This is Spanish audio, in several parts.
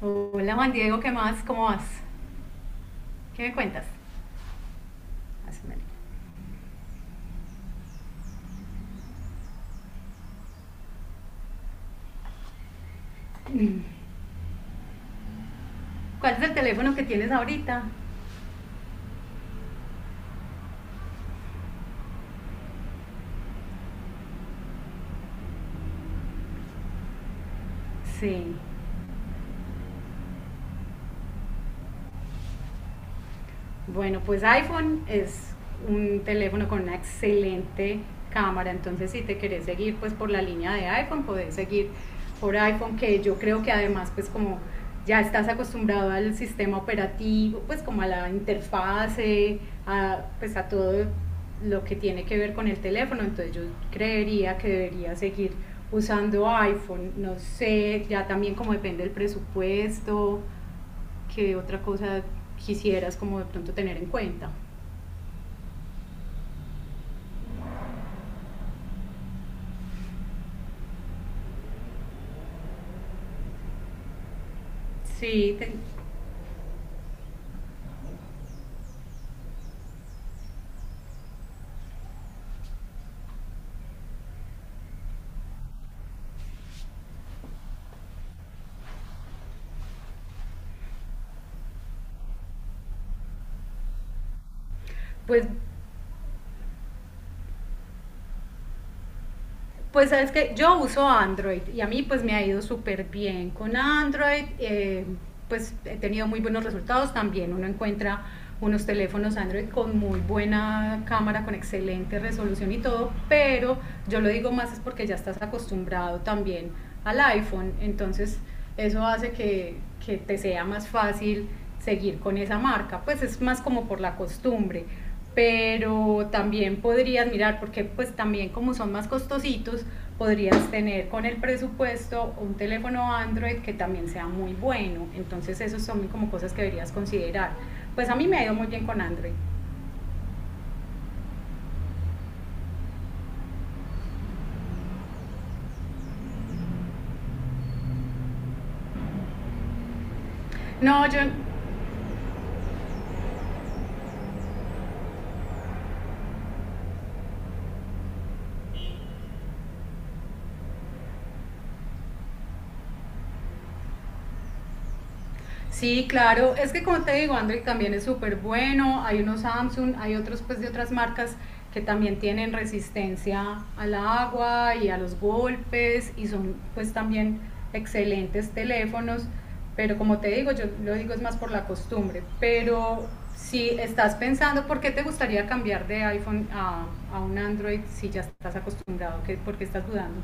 Hola Juan Diego, ¿qué más? ¿Cómo vas? ¿Qué me cuentas? Más o menos. ¿Cuál es el teléfono que tienes ahorita? Sí. Bueno, pues iPhone es un teléfono con una excelente cámara, entonces si te querés seguir pues por la línea de iPhone, podés seguir por iPhone, que yo creo que además pues como ya estás acostumbrado al sistema operativo, pues como a la interfase, pues a todo lo que tiene que ver con el teléfono, entonces yo creería que debería seguir usando iPhone, no sé, ya también como depende del presupuesto. ¿Qué otra cosa quisieras como de pronto tener en cuenta? Sí, te, pues Pues sabes que yo uso Android y a mí pues me ha ido súper bien con Android, pues he tenido muy buenos resultados también, uno encuentra unos teléfonos Android con muy buena cámara, con excelente resolución y todo, pero yo lo digo más es porque ya estás acostumbrado también al iPhone, entonces eso hace que te sea más fácil seguir con esa marca, pues es más como por la costumbre, pero también podrías mirar, porque pues también como son más costositos, podrías tener con el presupuesto un teléfono Android que también sea muy bueno. Entonces, esas son como cosas que deberías considerar. Pues a mí me ha ido muy bien con Android. No, yo sí, claro, es que como te digo, Android también es súper bueno, hay unos Samsung, hay otros pues de otras marcas que también tienen resistencia al agua y a los golpes y son pues también excelentes teléfonos, pero como te digo, yo lo digo es más por la costumbre, pero si estás pensando por qué te gustaría cambiar de iPhone a un Android si ya estás acostumbrado, ¿por qué estás dudando?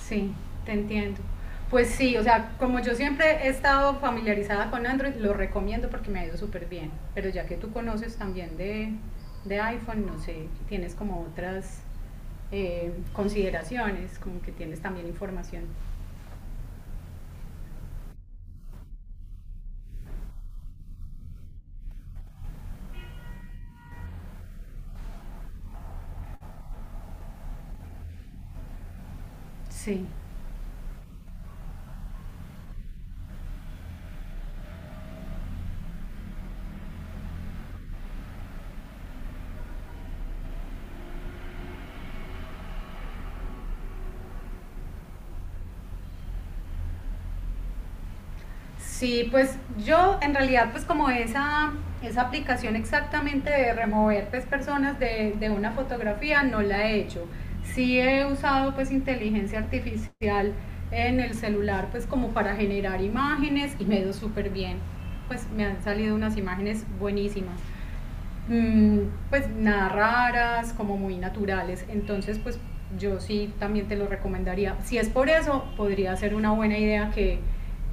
Sí, te entiendo. Pues sí, o sea, como yo siempre he estado familiarizada con Android, lo recomiendo porque me ha ido súper bien. Pero ya que tú conoces también de iPhone, no sé, tienes como otras consideraciones, como que tienes también información. Sí. Sí, pues yo en realidad pues como esa aplicación exactamente de remover pues personas de una fotografía no la he hecho. Sí he usado pues inteligencia artificial en el celular pues como para generar imágenes y me ha ido súper bien. Pues me han salido unas imágenes buenísimas mm, pues nada raras, como muy naturales. Entonces, pues yo sí también te lo recomendaría. Si es por eso, podría ser una buena idea que,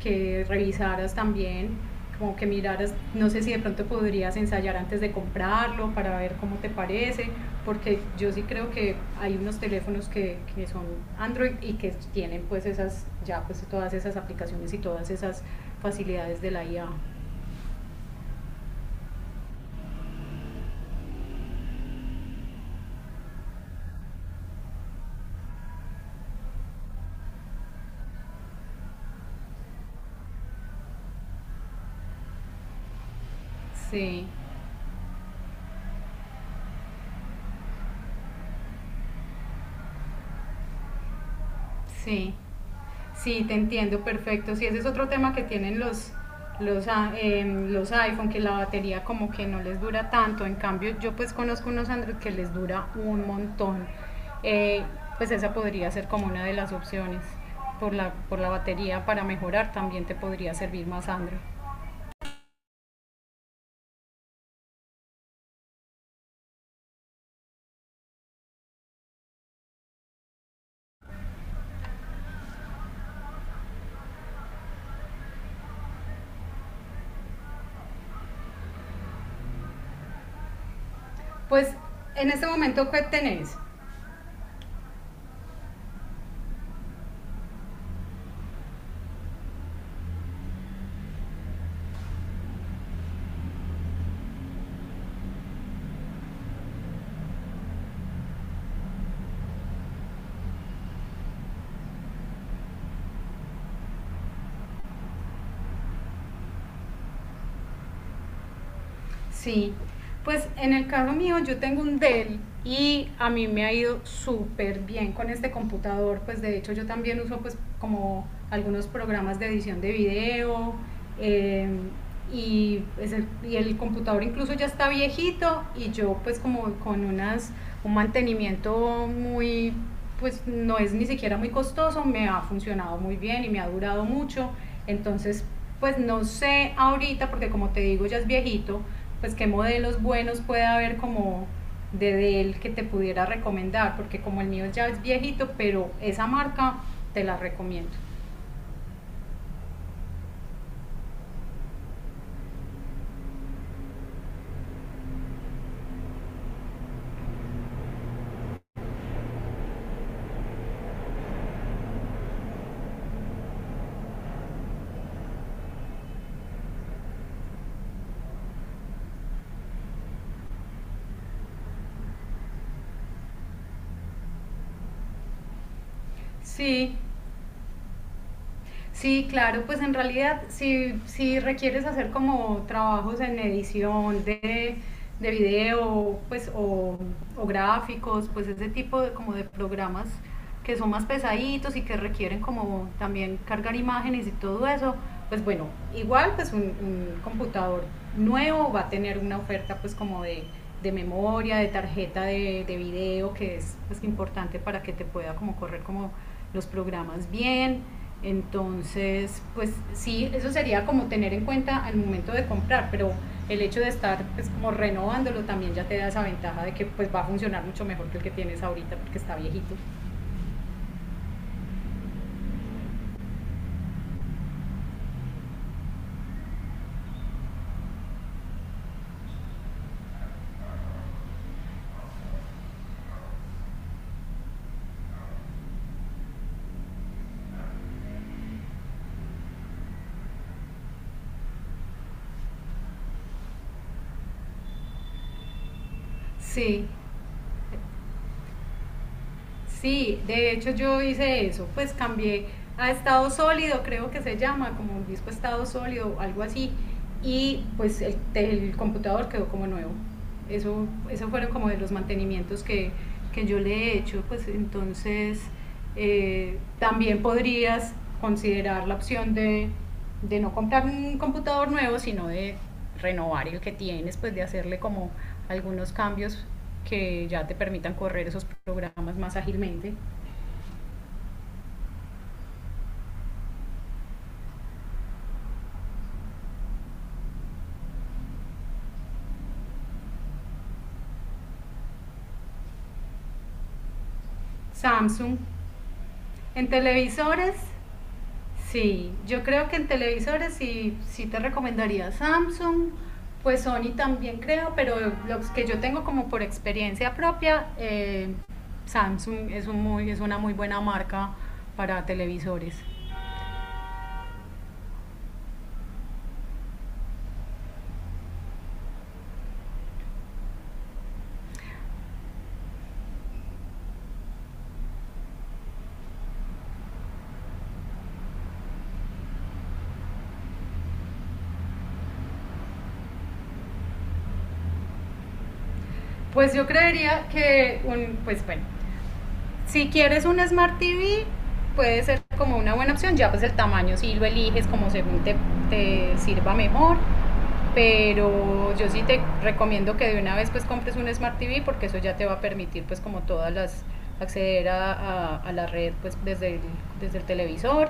que revisaras también, como que miraras, no sé si de pronto podrías ensayar antes de comprarlo para ver cómo te parece, porque yo sí creo que hay unos teléfonos que son Android y que tienen pues esas, ya pues todas esas aplicaciones y todas esas facilidades de la IA. Sí, sí. Sí, te entiendo, perfecto. Sí, ese es otro tema que tienen los, los iPhone, que la batería como que no les dura tanto. En cambio, yo pues conozco unos Android que les dura un montón. Eh, pues esa podría ser como una de las opciones por la batería para mejorar. También te podría servir más Android. Pues en este momento, ¿qué tenés? Sí, pues en el caso mío yo tengo un Dell y a mí me ha ido súper bien con este computador, pues de hecho yo también uso pues como algunos programas de edición de video, eh, y el computador incluso ya está viejito y yo pues como con un mantenimiento muy, pues no es ni siquiera muy costoso, me ha funcionado muy bien y me ha durado mucho, entonces pues no sé ahorita porque como te digo ya es viejito, pues qué modelos buenos puede haber como de él que te pudiera recomendar, porque como el mío ya es viejito, pero esa marca te la recomiendo. Sí, sí, claro, pues en realidad si requieres hacer como trabajos en edición de video pues, o gráficos, pues ese tipo de, como de programas que son más pesaditos y que requieren como también cargar imágenes y todo eso, pues bueno, igual pues un computador nuevo va a tener una oferta pues como de memoria, de tarjeta de video, que es pues, importante para que te pueda como correr como los programas bien. Entonces, pues sí, eso sería como tener en cuenta al momento de comprar, pero el hecho de estar pues como renovándolo también ya te da esa ventaja de que pues va a funcionar mucho mejor que el que tienes ahorita porque está viejito. Sí, sí, de hecho yo hice eso, pues cambié a estado sólido, creo que se llama, como un disco estado sólido, algo así, y pues el computador quedó como nuevo. Eso, esos fueron como de los mantenimientos que yo le he hecho, pues entonces también podrías considerar la opción de no comprar un computador nuevo, sino de renovar el que tienes, pues de hacerle como algunos cambios que ya te permitan correr esos programas más ágilmente. Samsung. En televisores, sí, yo creo que en televisores sí, sí te recomendaría Samsung, pues Sony también creo, pero los que yo tengo como por experiencia propia, Samsung es una muy buena marca para televisores. Pues yo creería que, pues bueno, si quieres un Smart TV, puede ser como una buena opción, ya pues el tamaño si lo eliges como según te sirva mejor. Pero yo sí te recomiendo que de una vez pues compres un Smart TV porque eso ya te va a permitir pues como todas las acceder a la red pues desde el televisor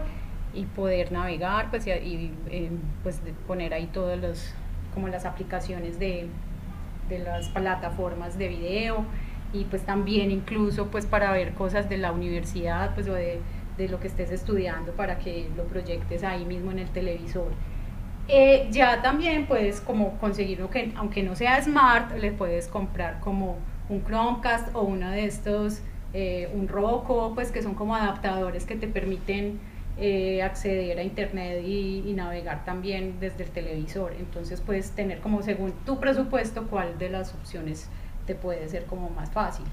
y poder navegar pues pues poner ahí todos los como las aplicaciones de las plataformas de video y pues también incluso pues para ver cosas de la universidad pues o de lo que estés estudiando para que lo proyectes ahí mismo en el televisor ya también puedes como conseguirlo que, aunque no sea smart, le puedes comprar como un Chromecast o uno de estos, un Roku, pues que son como adaptadores que te permiten acceder a internet navegar también desde el televisor. Entonces puedes tener como según tu presupuesto cuál de las opciones te puede ser como más fácil.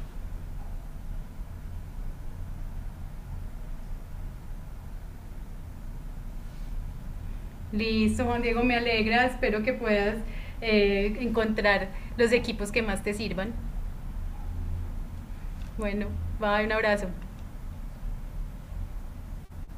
Listo, Juan Diego, me alegra, espero que puedas encontrar los equipos que más te sirvan. Bueno, bye, un abrazo.